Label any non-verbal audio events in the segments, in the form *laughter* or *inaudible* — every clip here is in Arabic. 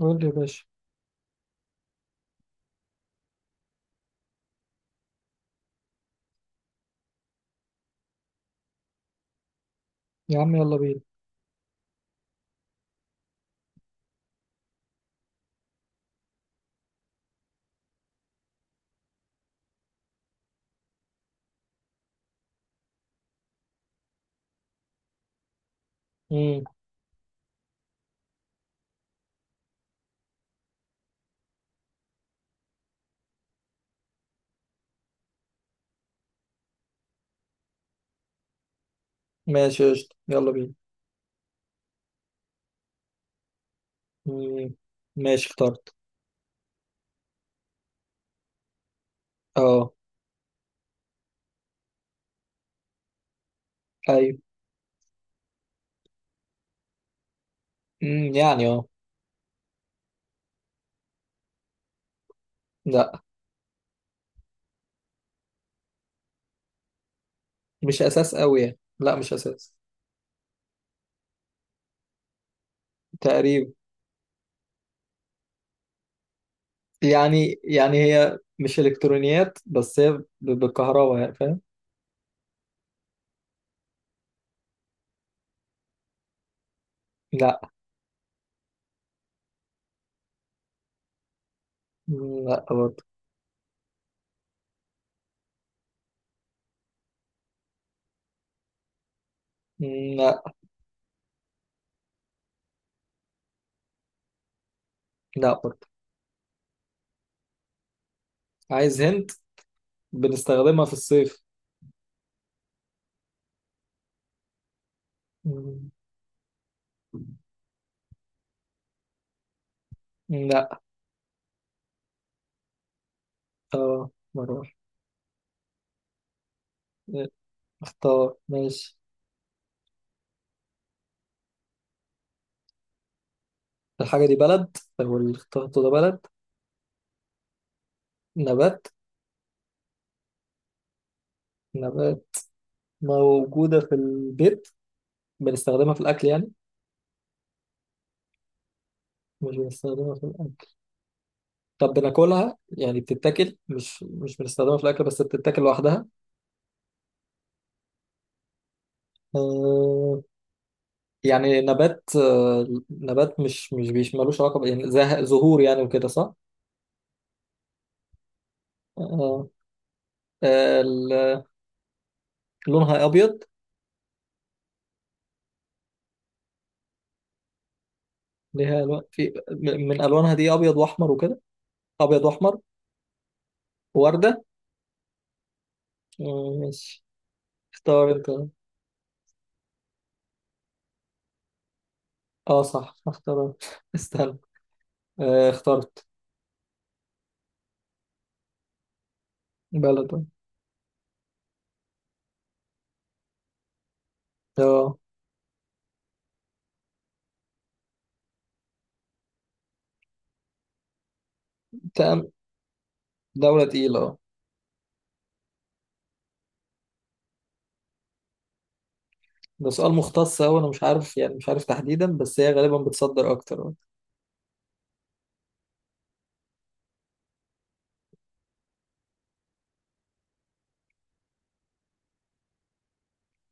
قول لي يا باشا. يا عم يلا بينا. مم. ماشي قشطة يلا بينا. مم. ماشي اخترت. اه. ايوه. مم. يعني اه. لا مش اساس قوي يعني، لا مش اساس. تقريبا. يعني هي مش الكترونيات، بس هي بالكهرباء يعني، فاهم؟ لا. مم. لا برضه. مم. لا. لا برضه. عايز هنت. بنستخدمها في الصيف. مم. لا. اه مرة واحدة. اختار ماشي. الحاجة دي بلد، او اللي اخترته ده بلد؟ نبات. نبات موجودة في البيت. بنستخدمها في الأكل يعني؟ مش بنستخدمها في الأكل. طب بناكلها يعني، بتتاكل مش بنستخدمها في الأكل، بس بتتاكل لوحدها. آه. يعني نبات. آه نبات. مش ملوش علاقة يعني زهور يعني وكده، صح؟ آه. آه، ال- لونها أبيض. ليها ألوان في من ألوانها دي أبيض وأحمر وكده. أبيض وأحمر. وردة. آه، ماشي. اختار أنت. اه صح اختار *laughs* استنى. آه اخترت. بلد. اه. تمام. دولة تقيلة اه. ده سؤال مختص أوي، أنا مش عارف يعني، مش عارف تحديدا، بس هي غالبا بتصدر أكتر اه.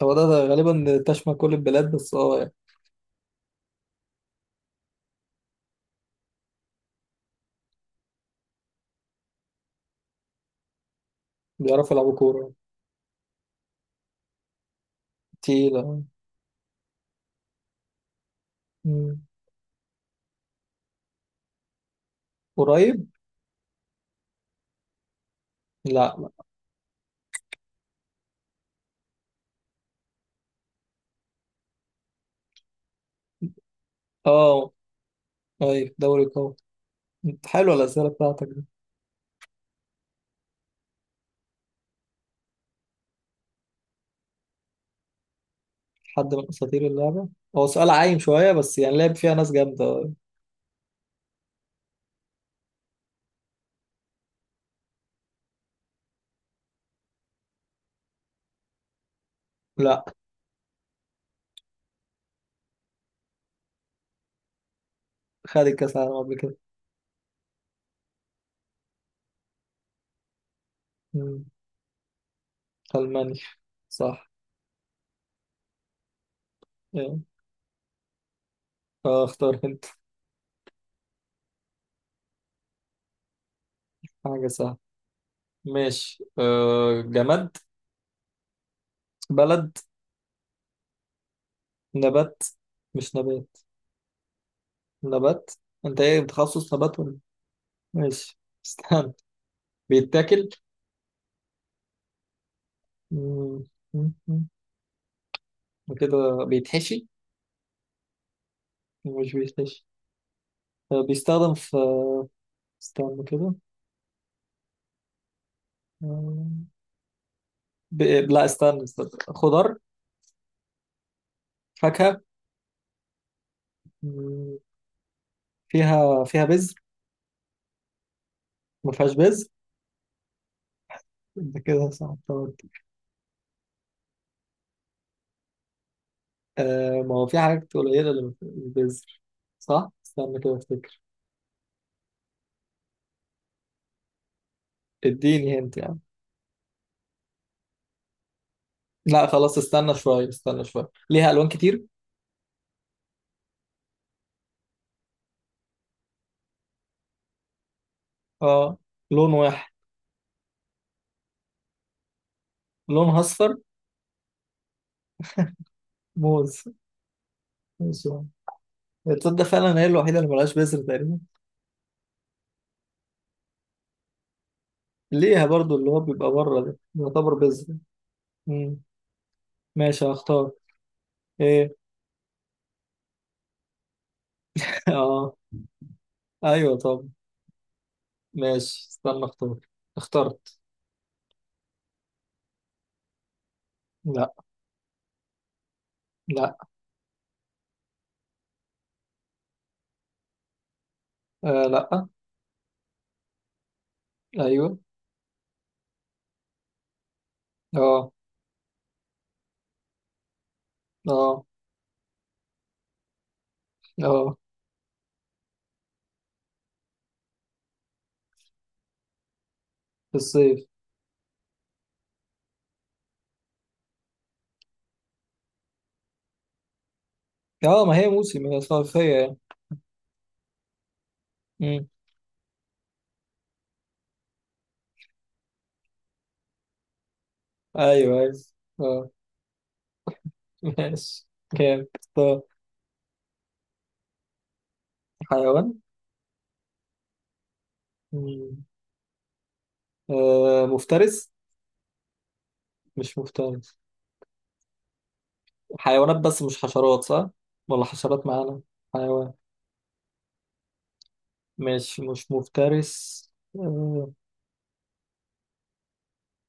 هو ده غالبا تشمل كل البلاد، بس اه يعني. بيعرفوا يلعبوا كورة. تقيلة اه. مم. قريب؟ لا لا. اه. طيب دوري قوي. حلوة الأسئلة بتاعتك دي. حد من أساطير اللعبة. هو سؤال عايم شوية، بس يعني لعب فيها ناس جامدة اه. لا. خد الكأس العالم قبل كده. مم. ألمانيا. صح. اه. اه، اختار انت. حاجة سهلة. ماشي، أه جماد. بلد. نبات. مش نبات. نبات. انت ايه بتخصص نبات ولا؟ ماشي *laughs* استنى. بيتاكل. مم، مم، مم. وكده بيتحشي. مش بيتحشي. آه، بيستخدم في. استنى كده. آه، لا استنى استنى. خضار. فاكهة. مم، فيها فيها بذر. ما فيهاش بذر. انت كده صعبتها. آه ما هو في حاجات قليلة اللي ما فيهاش بذر، صح؟ استنى كده افتكر. اديني هنت. لا خلاص، استنى شوية، استنى شوية. ليها ألوان كتير. اه. لون واحد. لونها أصفر. موز. ماشي يا عم. تصدق فعلا هي الوحيدة اللي ملهاش بذر تقريبا. ليها برضو، اللي هو بيبقى بره ده يعتبر بذر. مم. ماشي هختار. ايه. *laughs* اه. ايوه طب. ماشي استنى اختار. اخترت. لا. لا. آه لا. ايوه. اه. اه. اه. في الصيف. اه ما هي موسم، هي صيفية يعني. مم. ايوه ايوه. اه. *laughs* ماشي. كام اختار. حيوان. مم. آه مفترس. مش مفترس. حيوانات بس مش حشرات صح، ولا حشرات معانا؟ حيوان. مش مفترس. آه.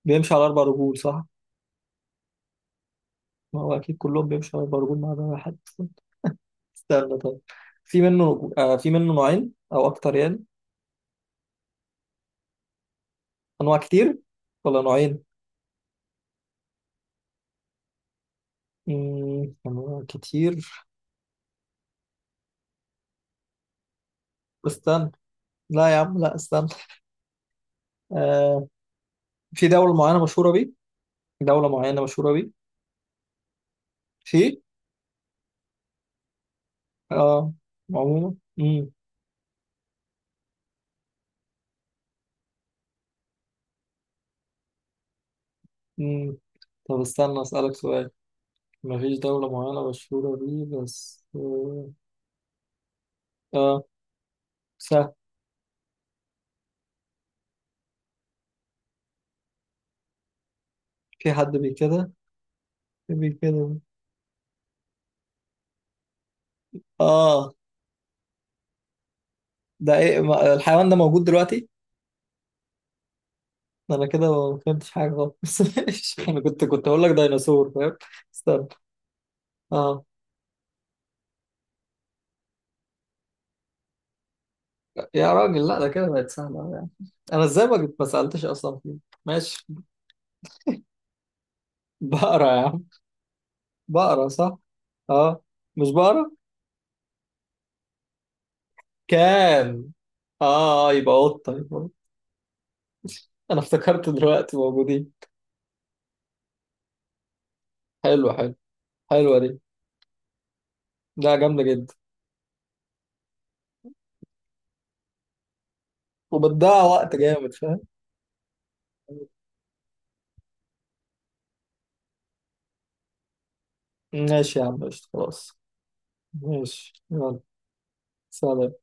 بيمشي على اربع رجول صح. ما هو اكيد كلهم بيمشوا على اربع رجول ما عدا واحد. استنى طيب. في منه آه، في منه نوعين او اكتر يعني؟ انواع كتير ولا نوعين؟ مم، انواع كتير. استنى. لا يا عم، لا استنى. آه. في دولة معينة مشهورة بيه. دولة معينة مشهورة بيه. في. اه. عموما. مم. طب استنى أسألك سؤال. مفيش دولة معينة مشهورة بيه بس آه. آه، سهل. في حد بي كده. بي كده. آه. ده إيه الحيوان ده موجود دلوقتي؟ ده أنا كده ما فهمتش حاجة خالص *laughs* ماشي. أنا كنت هقول لك ديناصور فاهم. استنى. آه. يا راجل لا، ده كده بقت سهلة أوي يعني. أنا إزاي ما سألتش أصلا فيه. ماشي *laughs* بقرة يا عم. بقرة صح؟ آه. مش بقرة؟ كان. آه يبقى قطة، يبقى قطة. أنا افتكرت دلوقتي موجودين. حلو حلو. حلوة دي. لا جامدة جدا. وبتضيع وقت جامد فاهم. ماشي يا عم قشطة، خلاص. ماشي يلا. سلام.